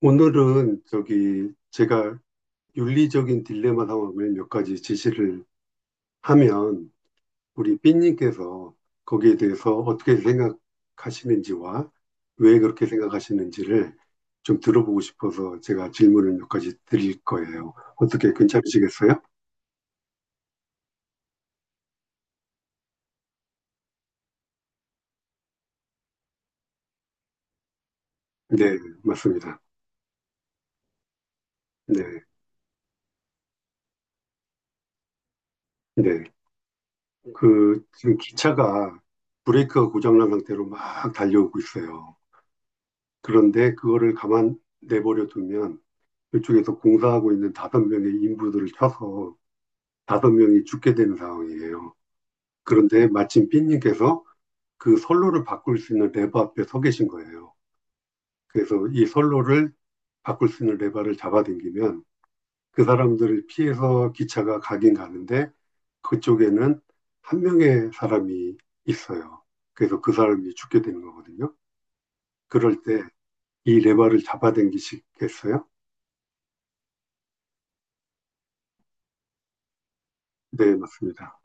오늘은 저기 제가 윤리적인 딜레마 상황을 몇 가지 제시를 하면 우리 삐님께서 거기에 대해서 어떻게 생각하시는지와 왜 그렇게 생각하시는지를 좀 들어보고 싶어서 제가 질문을 몇 가지 드릴 거예요. 어떻게 괜찮으시겠어요? 네, 맞습니다. 네, 네. 그 지금 기차가 브레이크가 고장난 상태로 막 달려오고 있어요. 그런데 그거를 가만 내버려 두면 그쪽에서 공사하고 있는 다섯 명의 인부들을 쳐서 다섯 명이 죽게 되는 상황이에요. 그런데 마침 삐님께서 그 선로를 바꿀 수 있는 레버 앞에 서 계신 거예요. 그래서 이 선로를 바꿀 수 있는 레버를 잡아당기면 그 사람들을 피해서 기차가 가긴 가는데 그쪽에는 한 명의 사람이 있어요. 그래서 그 사람이 죽게 되는 거거든요. 그럴 때 이 레버를 잡아당기시겠어요? 네, 맞습니다.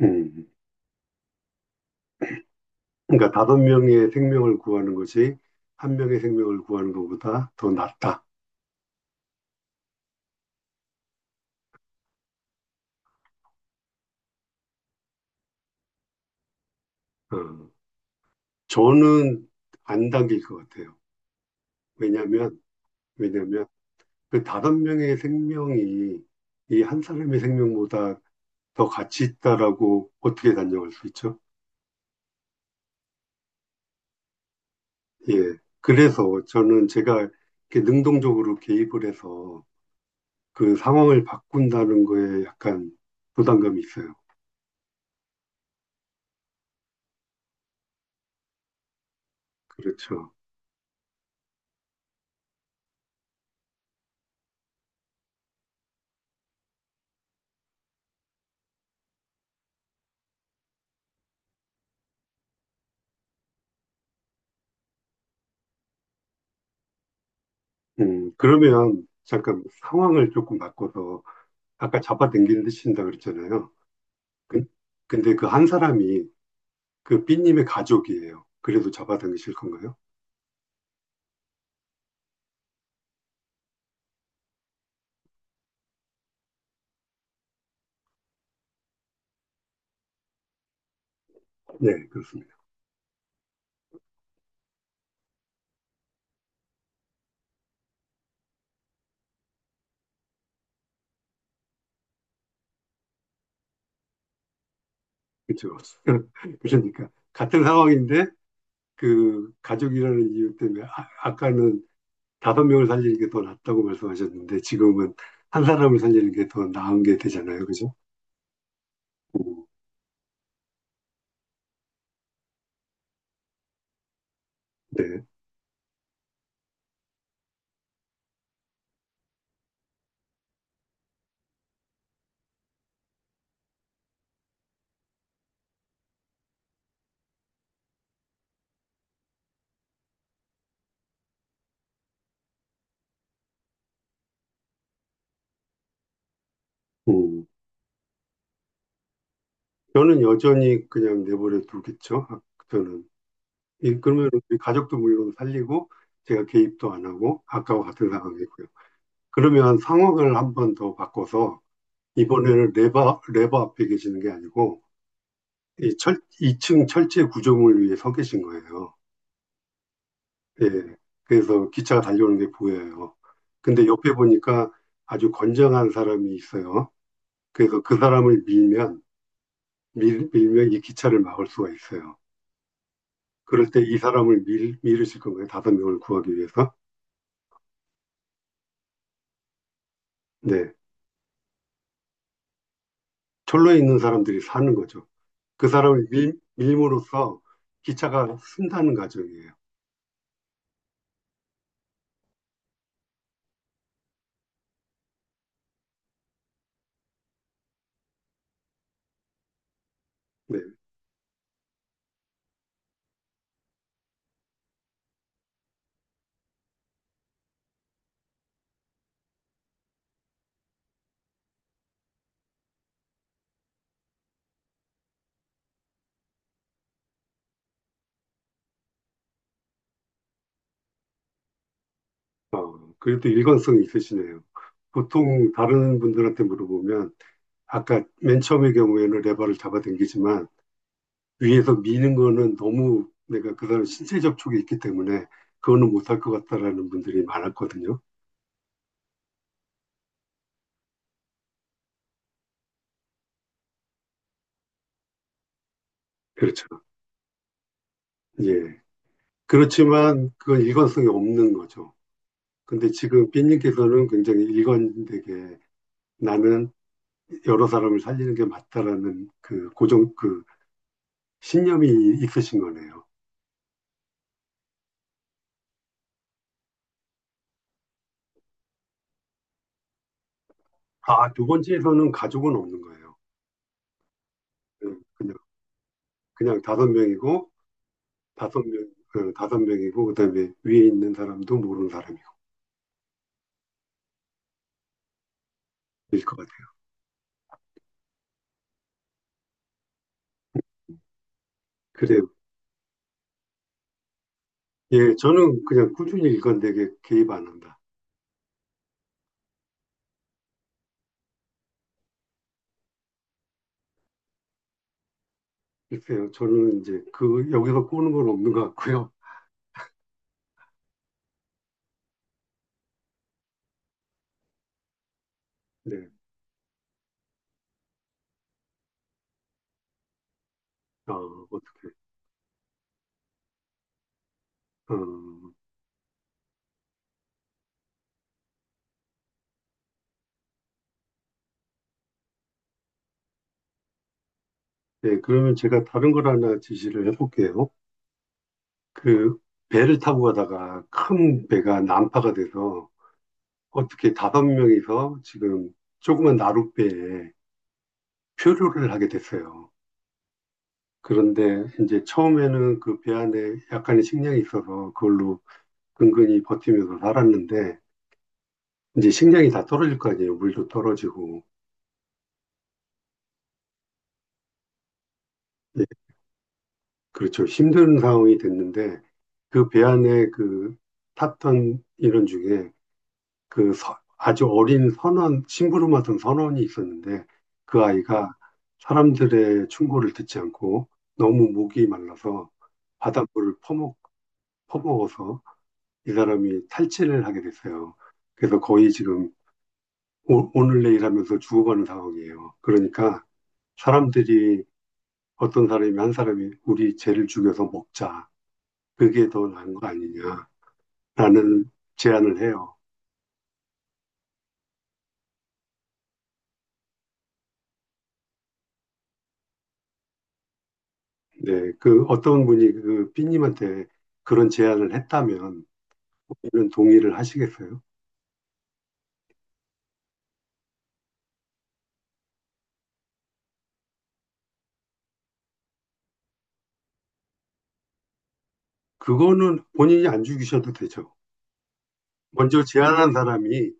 음. 그러니까 다섯 명의 생명을 구하는 것이 한 명의 생명을 구하는 것보다 더 낫다. 어. 저는 안 당길 것 같아요. 왜냐하면 왜냐하면 그 다섯 명의 생명이 이 한 사람의 생명보다 더 가치 있다라고 어떻게 단정할 수 있죠? 예. 그래서 저는 제가 이렇게 능동적으로 개입을 해서 그 상황을 바꾼다는 거에 약간 부담감이 있어요. 그렇죠. 그러면 잠깐 상황을 조금 바꿔서 아까 잡아당기는 데 친다 그랬잖아요. 그- 근데 그 한 사람이 그 B님의 가족이에요. 그래도 잡아당기실 건가요? 네, 그렇습니다. 그렇죠. 그러니까 같은 상황인데 그 가족이라는 이유 때문에 아, 까는 다섯 명을 살리는 게 더 낫다고 말씀하셨는데 지금은 한 사람을 살리는 게 더 나은 게 되잖아요. 그죠? 음, 네. 음. 저는 여전히 그냥 내버려 두겠죠. 아, 저는 이 그러면 우리 가족도 물론 살리고 제가 개입도 안 하고 아까와 같은 상황이고요. 그러면 상황을 한번 더 바꿔서 이번에는 레버 앞에 계시는 게 아니고 2층 철제 구조물 위에 서 계신 거예요. 예. 그래서 기차가 달려오는 게 보여요. 근데 옆에 보니까 아주 건장한 사람이 있어요. 그래서 그 사람을 밀면 이 기차를 막을 수가 있어요. 그럴 때 이 사람을 밀으실 건가요? 다섯 명을 구하기 위해서? 네. 철로에 있는 사람들이 사는 거죠. 그 사람을 밀므로써 기차가 쓴다는 과정이에요. 네. 그래도 일관성이 있으시네요. 보통 다른 분들한테 물어보면 아까 맨 처음의 경우에는 레버를 잡아당기지만 위에서 미는 거는 너무 내가 그 사람 신체 접촉이 있기 때문에 그거는 못할 것 같다라는 분들이 많았거든요. 그렇죠. 예. 그렇지만 그건 일관성이 없는 거죠. 근데 지금 삐님께서는 굉장히 일관되게 나는 여러 사람을 살리는 게 맞다라는 그 고정 그 신념이 있으신 거네요. 아, 두 번째에서는 가족은 없는 거예요. 그- 그냥 그냥 다섯 명이고 다섯 명 어, 다섯 명이고 그다음에 위에 있는 사람도 모르는 사람이고 일 것 같아요. 그래요. 예, 저는 그냥 꾸준히 일관되게 개입 안 한다. 글쎄요, 저는 이제 그 여기서 꼬는 건 없는 것 같고요. 네, 어, 어떻게? 어, 네, 그러면 제가 다른 걸 하나 지시를 해볼게요. 그 배를 타고 가다가 큰 배가 난파가 돼서 어떻게 다섯 명이서 지금 조그만 나룻배에 표류를 하게 됐어요. 그런데 이제 처음에는 그 배 안에 약간의 식량이 있어서 그걸로 근근히 버티면서 살았는데 이제 식량이 다 떨어질 거 아니에요. 물도 떨어지고. 예, 그렇죠. 힘든 상황이 됐는데 그 배 안에 그 탔던 인원 중에 아주 어린 선원, 심부름 맡은 선원이 있었는데 그 아이가 사람들의 충고를 듣지 않고 너무 목이 말라서 바닷물을 퍼먹, 퍼먹어서 이 사람이 탈진을 하게 됐어요. 그래서 거의 지금 오늘 내일 하면서 죽어가는 상황이에요. 그러니까 사람들이 어떤 사람이 한 사람이 우리 죄를 죽여서 먹자. 그게 더 나은 거 아니냐라는 제안을 해요. 네, 그 어떤 분이 그 삐님한테 그런 제안을 했다면 이런 동의를 하시겠어요? 그거는 본인이 안 죽이셔도 되죠. 먼저 제안한 사람이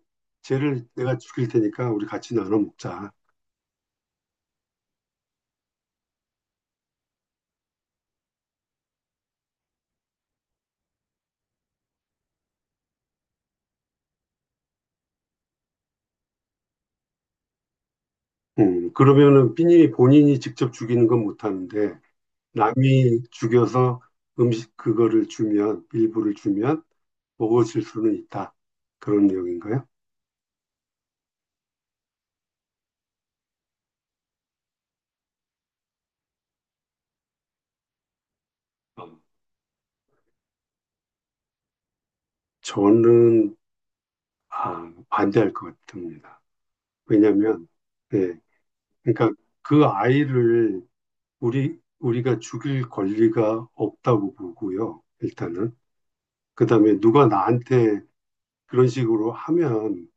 쟤를 내가 죽일 테니까 우리 같이 나눠 먹자. 그러면은 삐님이 본인이 직접 죽이는 건 못하는데 남이 죽여서 음식 그거를 주면 일부를 주면 먹어질 수는 있다. 그런 내용인가요? 저는 아, 반대할 것 같습니다. 왜냐하면 예, 그러니까 그 아이를 우리가 죽일 권리가 없다고 보고요. 일단은 그다음에 누가 나한테 그런 식으로 하면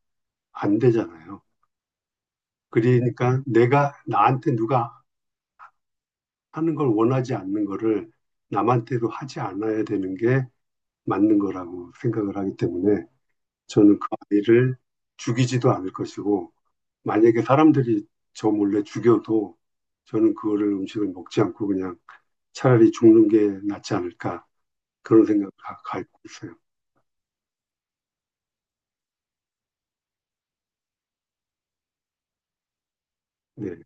안 되잖아요. 그러니까 내가 나한테 누가 하는 걸 원하지 않는 거를 남한테도 하지 않아야 되는 게 맞는 거라고 생각을 하기 때문에 저는 그 아이를 죽이지도 않을 것이고 만약에 사람들이 저 몰래 죽여도 저는 그거를 음식을 먹지 않고 그냥 차라리 죽는 게 낫지 않을까 그런 생각을 갖고 있어요. 네.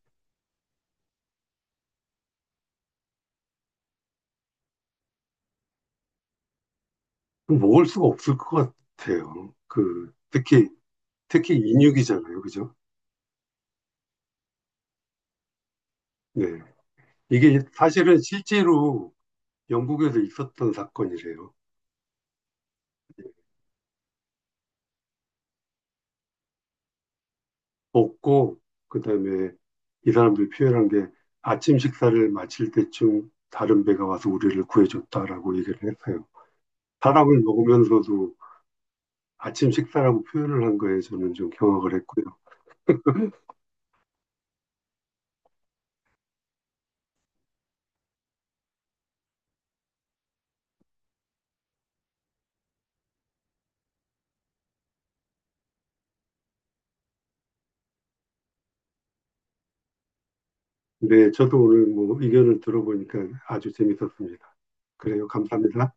먹을 수가 없을 것 같아요. 그 특히 특히 인육이잖아요, 그죠? 네. 이게 사실은 실제로 영국에서 있었던 사건이래요. 먹고 그다음에 이 사람들이 표현한 게 아침 식사를 마칠 때쯤 다른 배가 와서 우리를 구해줬다라고 얘기를 했어요. 사람을 먹으면서도 아침 식사라고 표현을 한 거에 저는 좀 경악을 했고요. 네, 저도 오늘 뭐 의견을 들어보니까 아주 재밌었습니다. 그래요. 감사합니다.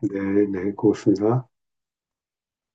네, 네, 고맙습니다.